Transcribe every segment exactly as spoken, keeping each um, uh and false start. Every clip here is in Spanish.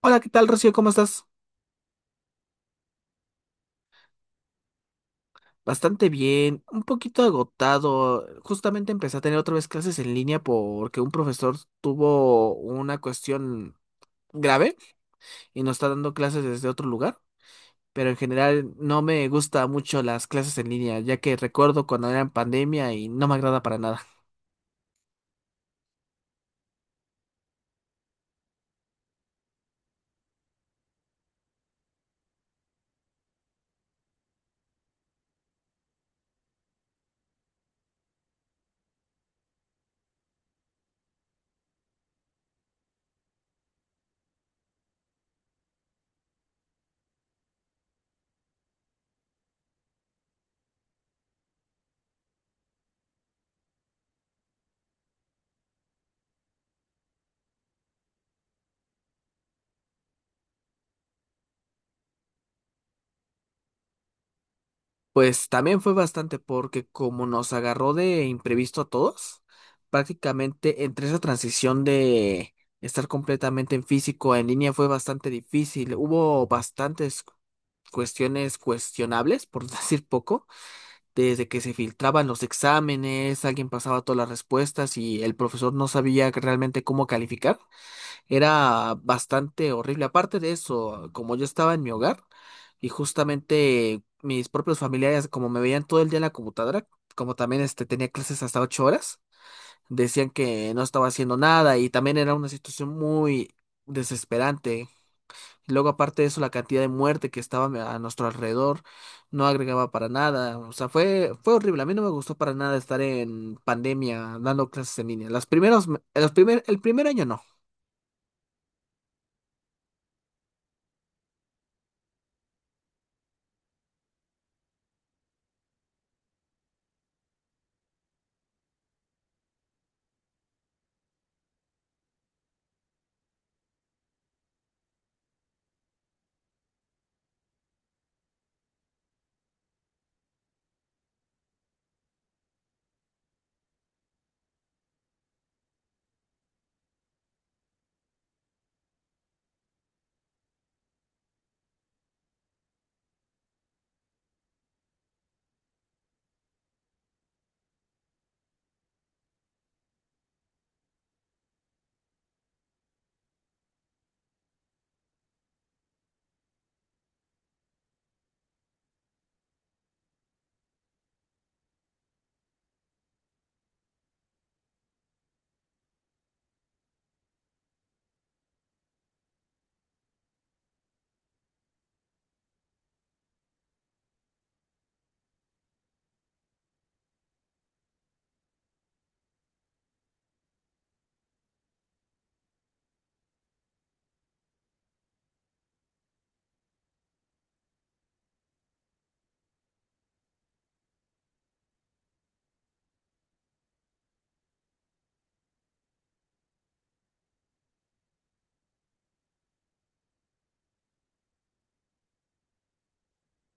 Hola, ¿qué tal, Rocío? ¿Cómo estás? Bastante bien, un poquito agotado. Justamente empecé a tener otra vez clases en línea porque un profesor tuvo una cuestión grave y nos está dando clases desde otro lugar. Pero en general no me gusta mucho las clases en línea, ya que recuerdo cuando era en pandemia y no me agrada para nada. Pues también fue bastante porque como nos agarró de imprevisto a todos, prácticamente entre esa transición de estar completamente en físico a en línea fue bastante difícil. Hubo bastantes cuestiones cuestionables, por decir poco, desde que se filtraban los exámenes, alguien pasaba todas las respuestas y el profesor no sabía que- realmente cómo calificar. Era bastante horrible. Aparte de eso, como yo estaba en mi hogar y justamente mis propios familiares, como me veían todo el día en la computadora, como también este, tenía clases hasta ocho horas, decían que no estaba haciendo nada y también era una situación muy desesperante. Luego, aparte de eso, la cantidad de muerte que estaba a nuestro alrededor no agregaba para nada. O sea, fue, fue horrible. A mí no me gustó para nada estar en pandemia dando clases en línea. Las primeros, me- los primer, el primer año no.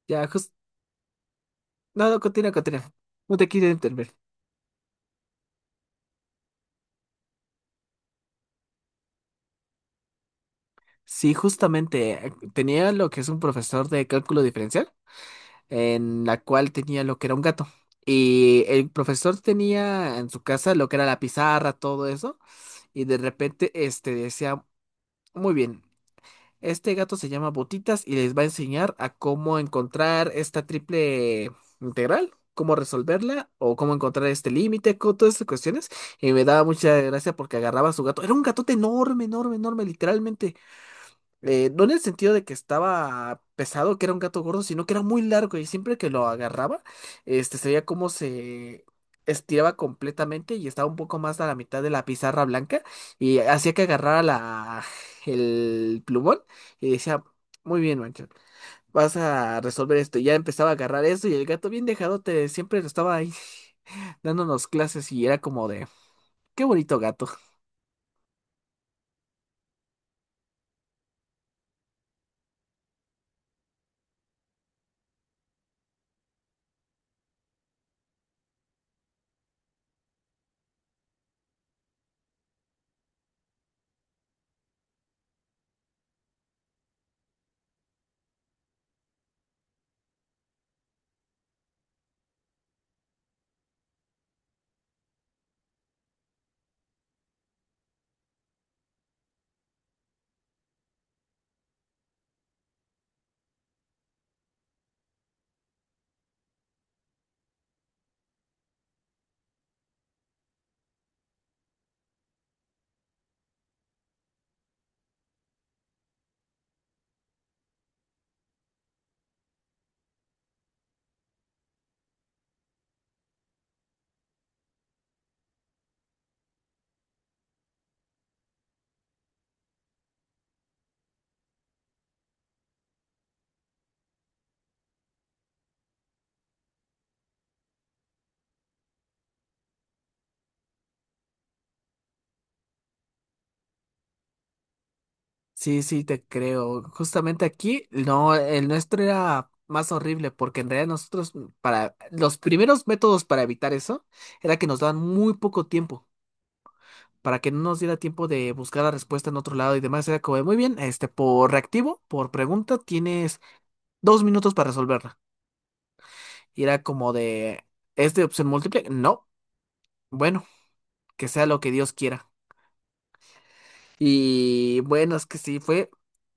Ya, jus- No, no, continúa, continúa. No te quiero interrumpir. Sí, justamente eh, tenía lo que es un profesor de cálculo diferencial, en la cual tenía lo que era un gato. Y el profesor tenía en su casa lo que era la pizarra, todo eso, y de repente este decía, muy bien, este gato se llama Botitas y les va a enseñar a cómo encontrar esta triple integral, cómo resolverla o cómo encontrar este límite, co- todas estas cuestiones. Y me daba mucha gracia porque agarraba a su gato. Era un gatote enorme, enorme, enorme, literalmente. Eh, no en el sentido de que estaba pesado, que era un gato gordo, sino que era muy largo y siempre que lo agarraba, este, se veía cómo se estiraba completamente y estaba un poco más a la mitad de la pizarra blanca y hacía que agarrara la, el plumón y decía, muy bien, Mancho, vas a resolver esto. Y ya empezaba a agarrar eso y el gato bien dejado te siempre lo estaba ahí dándonos clases y era como de, qué bonito gato. Sí, sí, te creo. Justamente aquí, no, el nuestro era más horrible porque en realidad nosotros, para los primeros métodos para evitar eso, era que nos daban muy poco tiempo, para que no nos diera tiempo de buscar la respuesta en otro lado y demás. Era como, de, muy bien, este, por reactivo, por pregunta, tienes dos minutos para resolverla. Y era como de, ¿es de opción múltiple? No. Bueno, que sea lo que Dios quiera. Y bueno, es que sí, fue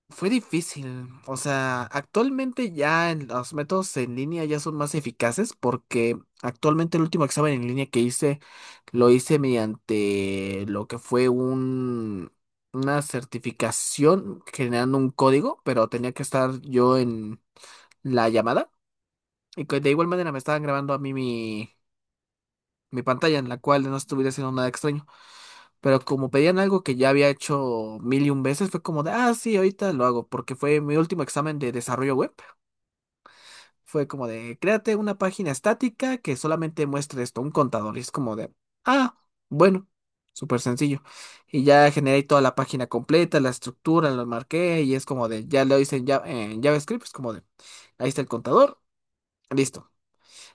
fue difícil. O sea, actualmente ya en- los métodos en línea ya son más eficaces porque actualmente el último examen en línea que hice lo hice mediante lo que fue un, una certificación generando un código, pero tenía que estar yo en la llamada y que de igual manera me estaban grabando a mí mi, mi pantalla en la cual no estuviera haciendo nada extraño. Pero como pedían algo que ya había hecho mil y un veces, fue como de, ah, sí, ahorita lo hago, porque fue mi último examen de desarrollo web. Fue como de, créate una página estática que solamente muestre esto, un contador. Y es como de, ah, bueno, súper sencillo. Y ya generé toda la página completa, la estructura, lo marqué, y es como de, ya lo hice en, Ja- en JavaScript, es como de, ahí está el contador, listo.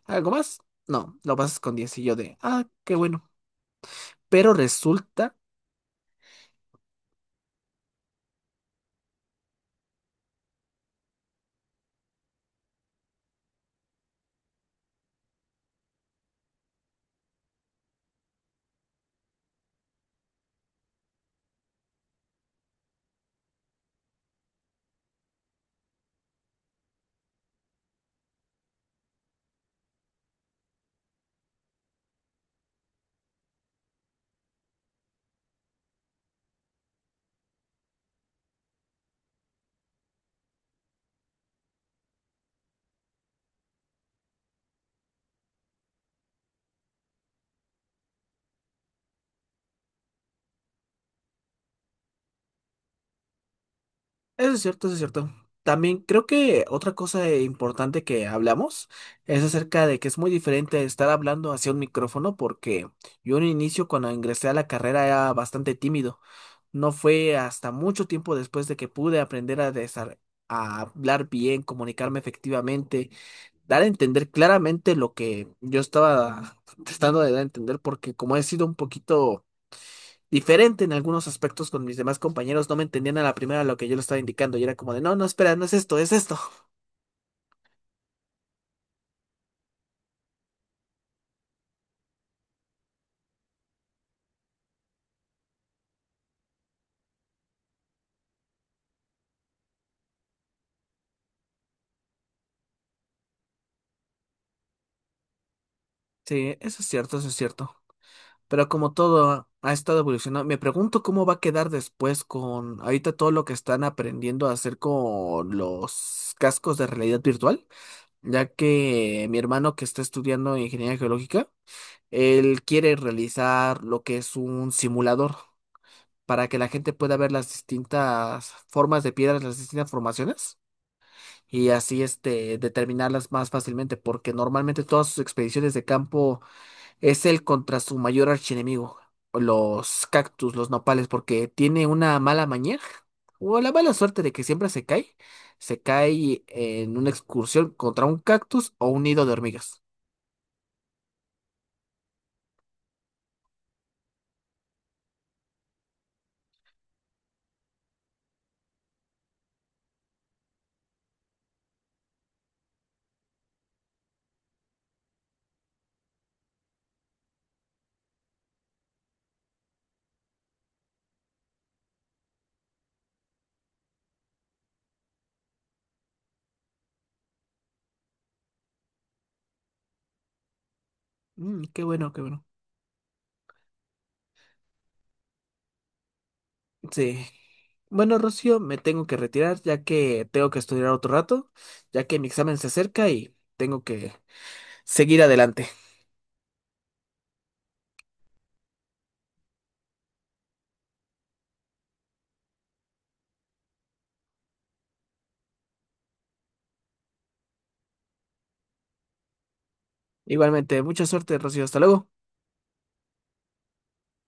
¿Algo más? No, lo pasas con diez. Y yo de, ah, qué bueno. Pero resulta eso es cierto, eso es cierto. También creo que otra cosa importante que hablamos es acerca de que es muy diferente estar hablando hacia un micrófono porque yo en un inicio cuando ingresé a la carrera era bastante tímido. No fue hasta mucho tiempo después de que pude aprender a, desar- a hablar bien, comunicarme efectivamente, dar a entender claramente lo que yo estaba tratando de dar a entender porque como he sido un poquito diferente en algunos aspectos con mis demás compañeros, no me entendían a la primera lo que yo le estaba indicando y era como de, no, no, espera, no es esto, es esto. Sí, eso es cierto, eso es cierto. Pero como todo ha estado evolucionando, me pregunto cómo va a quedar después con ahorita todo lo que están aprendiendo a hacer con los cascos de realidad virtual, ya que mi hermano que está estudiando ingeniería geológica, él quiere realizar lo que es un simulador para que la gente pueda ver las distintas formas de piedras, las distintas formaciones. Y así este, determinarlas más fácilmente, porque normalmente todas sus expediciones de campo es él contra su mayor archienemigo, los cactus, los nopales, porque tiene una mala maña o la mala suerte de que siempre se cae, se cae en una excursión contra un cactus o un nido de hormigas. Mm, qué bueno, qué bueno. Sí. Bueno, Rocío, me tengo que retirar ya que tengo que estudiar otro rato, ya que mi examen se acerca y tengo que seguir adelante. Igualmente, mucha suerte, Rocío. Hasta luego.